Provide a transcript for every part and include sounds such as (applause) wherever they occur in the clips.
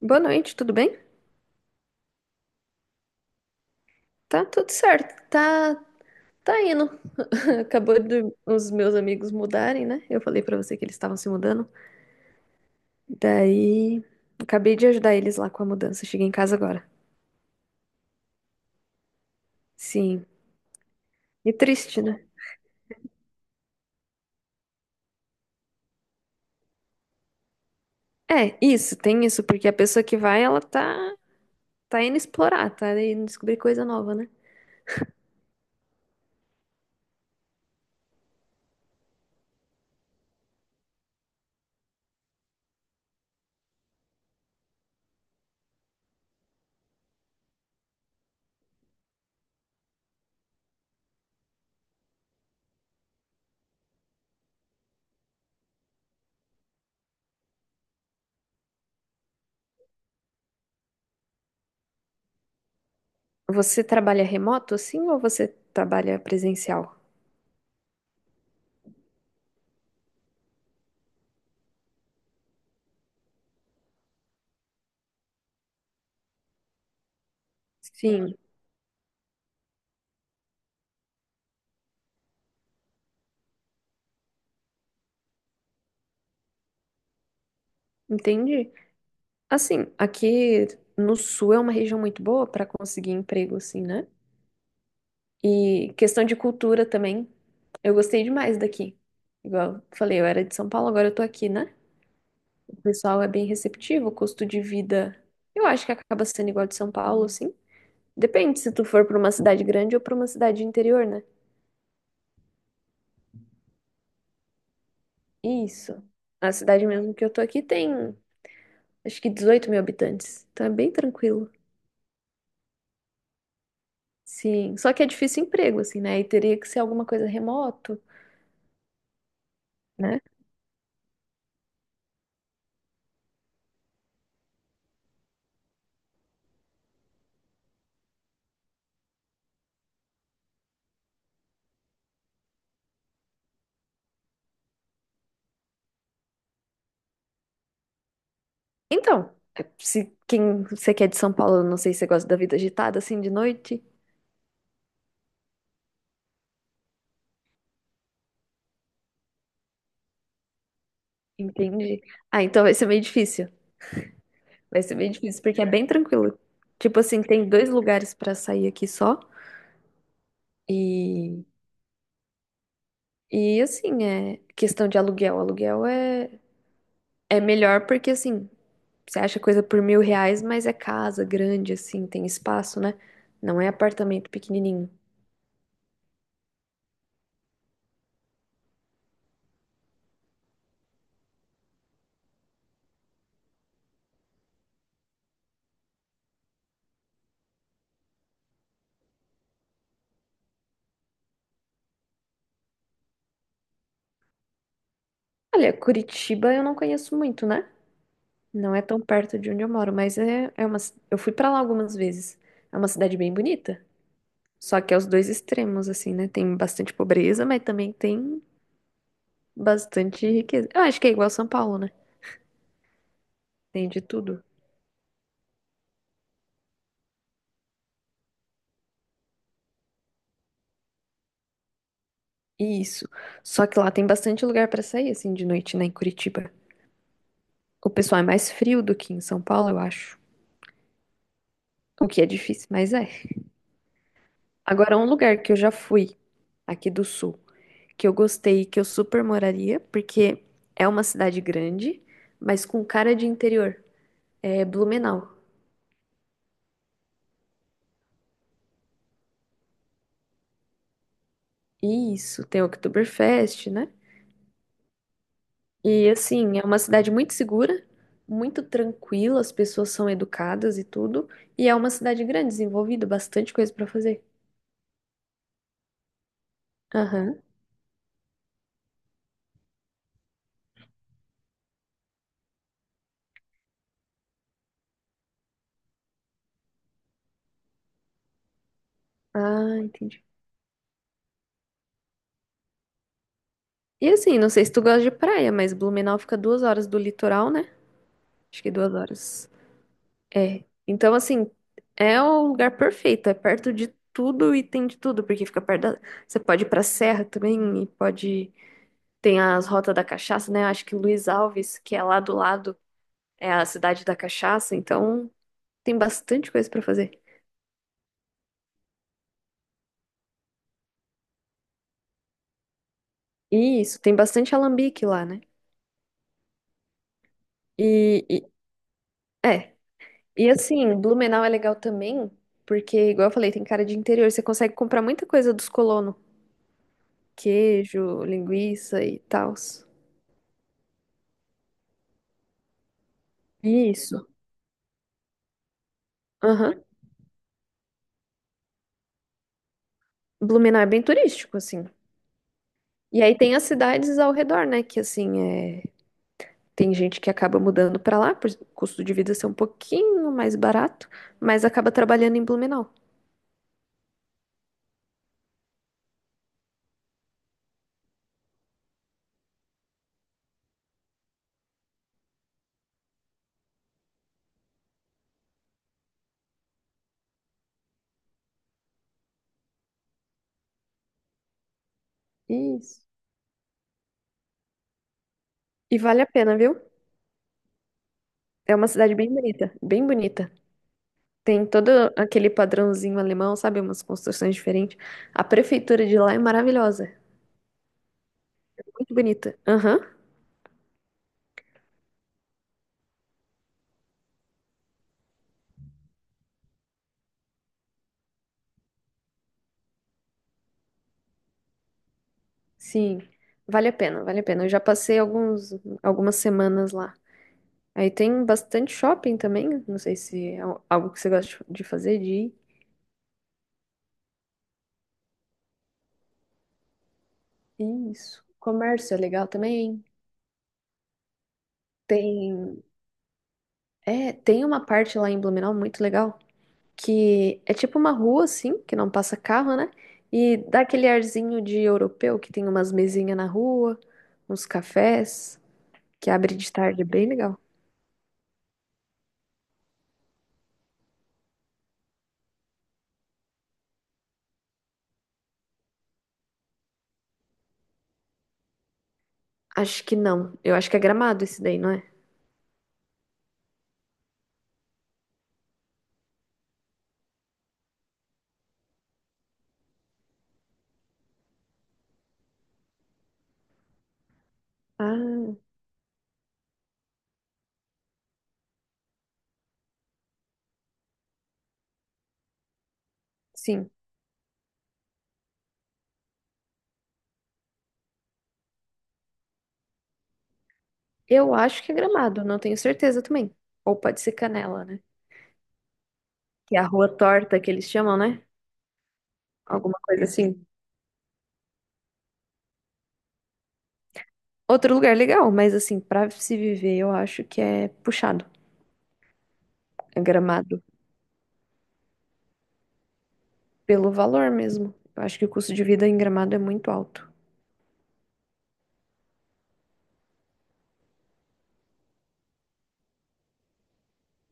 Boa noite, tudo bem? Tá tudo certo, tá, tá indo. (laughs) Acabou de os meus amigos mudarem, né? Eu falei pra você que eles estavam se mudando. Daí, acabei de ajudar eles lá com a mudança. Cheguei em casa agora. Sim. E triste, né? É, isso, tem isso, porque a pessoa que vai, ela tá, tá indo explorar, tá indo descobrir coisa nova, né? Você trabalha remoto, assim, ou você trabalha presencial? Sim, entendi. Assim, aqui no sul é uma região muito boa pra conseguir emprego, assim, né? E questão de cultura também, eu gostei demais daqui. Igual eu falei, eu era de São Paulo, agora eu tô aqui, né? O pessoal é bem receptivo, o custo de vida, eu acho que acaba sendo igual de São Paulo, assim. Depende se tu for pra uma cidade grande ou pra uma cidade de interior, né? Isso. A cidade mesmo que eu tô aqui tem, acho que 18 mil habitantes, então é bem tranquilo. Sim, só que é difícil emprego, assim, né? E teria que ser alguma coisa remoto, né? Então, é, se quem você quer de São Paulo, eu não sei se você gosta da vida agitada assim de noite, entende? Ah, então vai ser meio difícil. Vai ser meio difícil porque é bem tranquilo. Tipo assim, tem dois lugares pra sair aqui só e assim, é questão de aluguel. Aluguel é melhor porque assim, você acha coisa por R$ 1.000, mas é casa grande assim, tem espaço, né? Não é apartamento pequenininho. Olha, Curitiba eu não conheço muito, né? Não é tão perto de onde eu moro, mas é uma. Eu fui pra lá algumas vezes. É uma cidade bem bonita. Só que é os dois extremos, assim, né? Tem bastante pobreza, mas também tem bastante riqueza. Eu acho que é igual São Paulo, né? Tem de tudo. Isso. Só que lá tem bastante lugar pra sair, assim, de noite, né? Em Curitiba. O pessoal é mais frio do que em São Paulo, eu acho. O que é difícil, mas é. Agora, um lugar que eu já fui aqui do sul. Que eu gostei, que eu super moraria, porque é uma cidade grande, mas com cara de interior. É Blumenau. E isso, tem Oktoberfest, né? E assim, é uma cidade muito segura, muito tranquila, as pessoas são educadas e tudo, e é uma cidade grande, desenvolvida, bastante coisa pra fazer. Aham. Ah, entendi. E assim, não sei se tu gosta de praia, mas Blumenau fica 2 horas do litoral, né? Acho que 2 horas. É. Então, assim, é o lugar perfeito. É perto de tudo e tem de tudo, porque fica perto da... Você pode ir pra serra também e pode... Tem as rotas da cachaça, né? Acho que Luiz Alves, que é lá do lado, é a cidade da cachaça. Então, tem bastante coisa pra fazer. E isso, tem bastante alambique lá, né? E, e- é. E assim, Blumenau é legal também, porque, igual eu falei, tem cara de interior. Você consegue comprar muita coisa dos colonos. Queijo, linguiça e tal. Isso. Aham. Blumenau é bem turístico, assim. E aí tem as cidades ao redor, né? Que assim, é... tem gente que acaba mudando pra lá, por o custo de vida ser um pouquinho mais barato, mas acaba trabalhando em Blumenau. Isso. E vale a pena, viu? É uma cidade bem bonita, bem bonita. Tem todo aquele padrãozinho alemão, sabe? Umas construções diferentes. A prefeitura de lá é maravilhosa, é muito bonita. Aham, sim. Vale a pena, vale a pena. Eu já passei alguns, algumas semanas lá. Aí tem bastante shopping também. Não sei se é algo que você gosta de fazer, de ir. Isso. Comércio é legal também. Tem, é, tem uma parte lá em Blumenau muito legal, que é tipo uma rua assim, que não passa carro, né? E dá aquele arzinho de europeu, que tem umas mesinhas na rua, uns cafés, que abre de tarde, é bem legal. Acho que não. Eu acho que é Gramado esse daí, não é? Ah, sim. Eu acho que é Gramado, não tenho certeza também. Ou pode ser Canela, né? Que é a Rua Torta que eles chamam, né? Alguma coisa assim. Outro lugar legal, mas assim, pra se viver, eu acho que é puxado. É Gramado. Pelo valor mesmo. Eu acho que o custo de vida em Gramado é muito alto.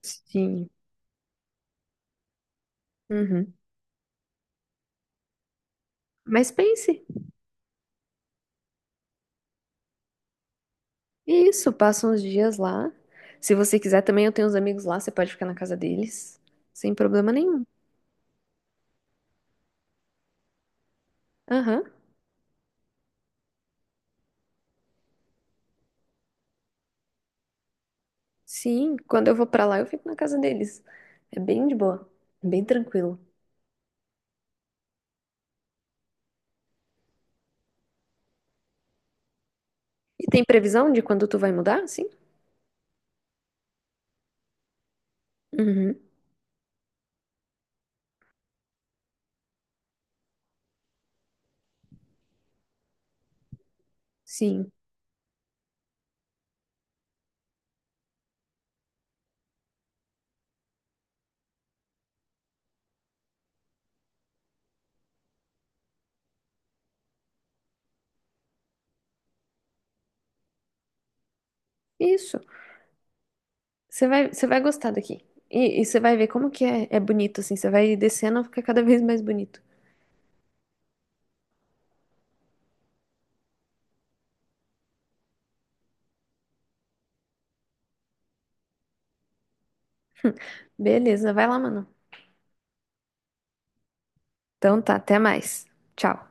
Sim. Uhum. Mas pense, isso, passa uns dias lá. Se você quiser, também eu tenho uns amigos lá, você pode ficar na casa deles, sem problema nenhum. Aham. Sim, quando eu vou pra lá, eu fico na casa deles. É bem de boa, é bem tranquilo. E tem previsão de quando tu vai mudar? Sim. Uhum. Sim. Isso. Você vai gostar daqui. Você vai ver como que é, é bonito, assim. Você vai descendo, fica cada vez mais bonito. Beleza, vai lá, mano. Então tá, até mais. Tchau.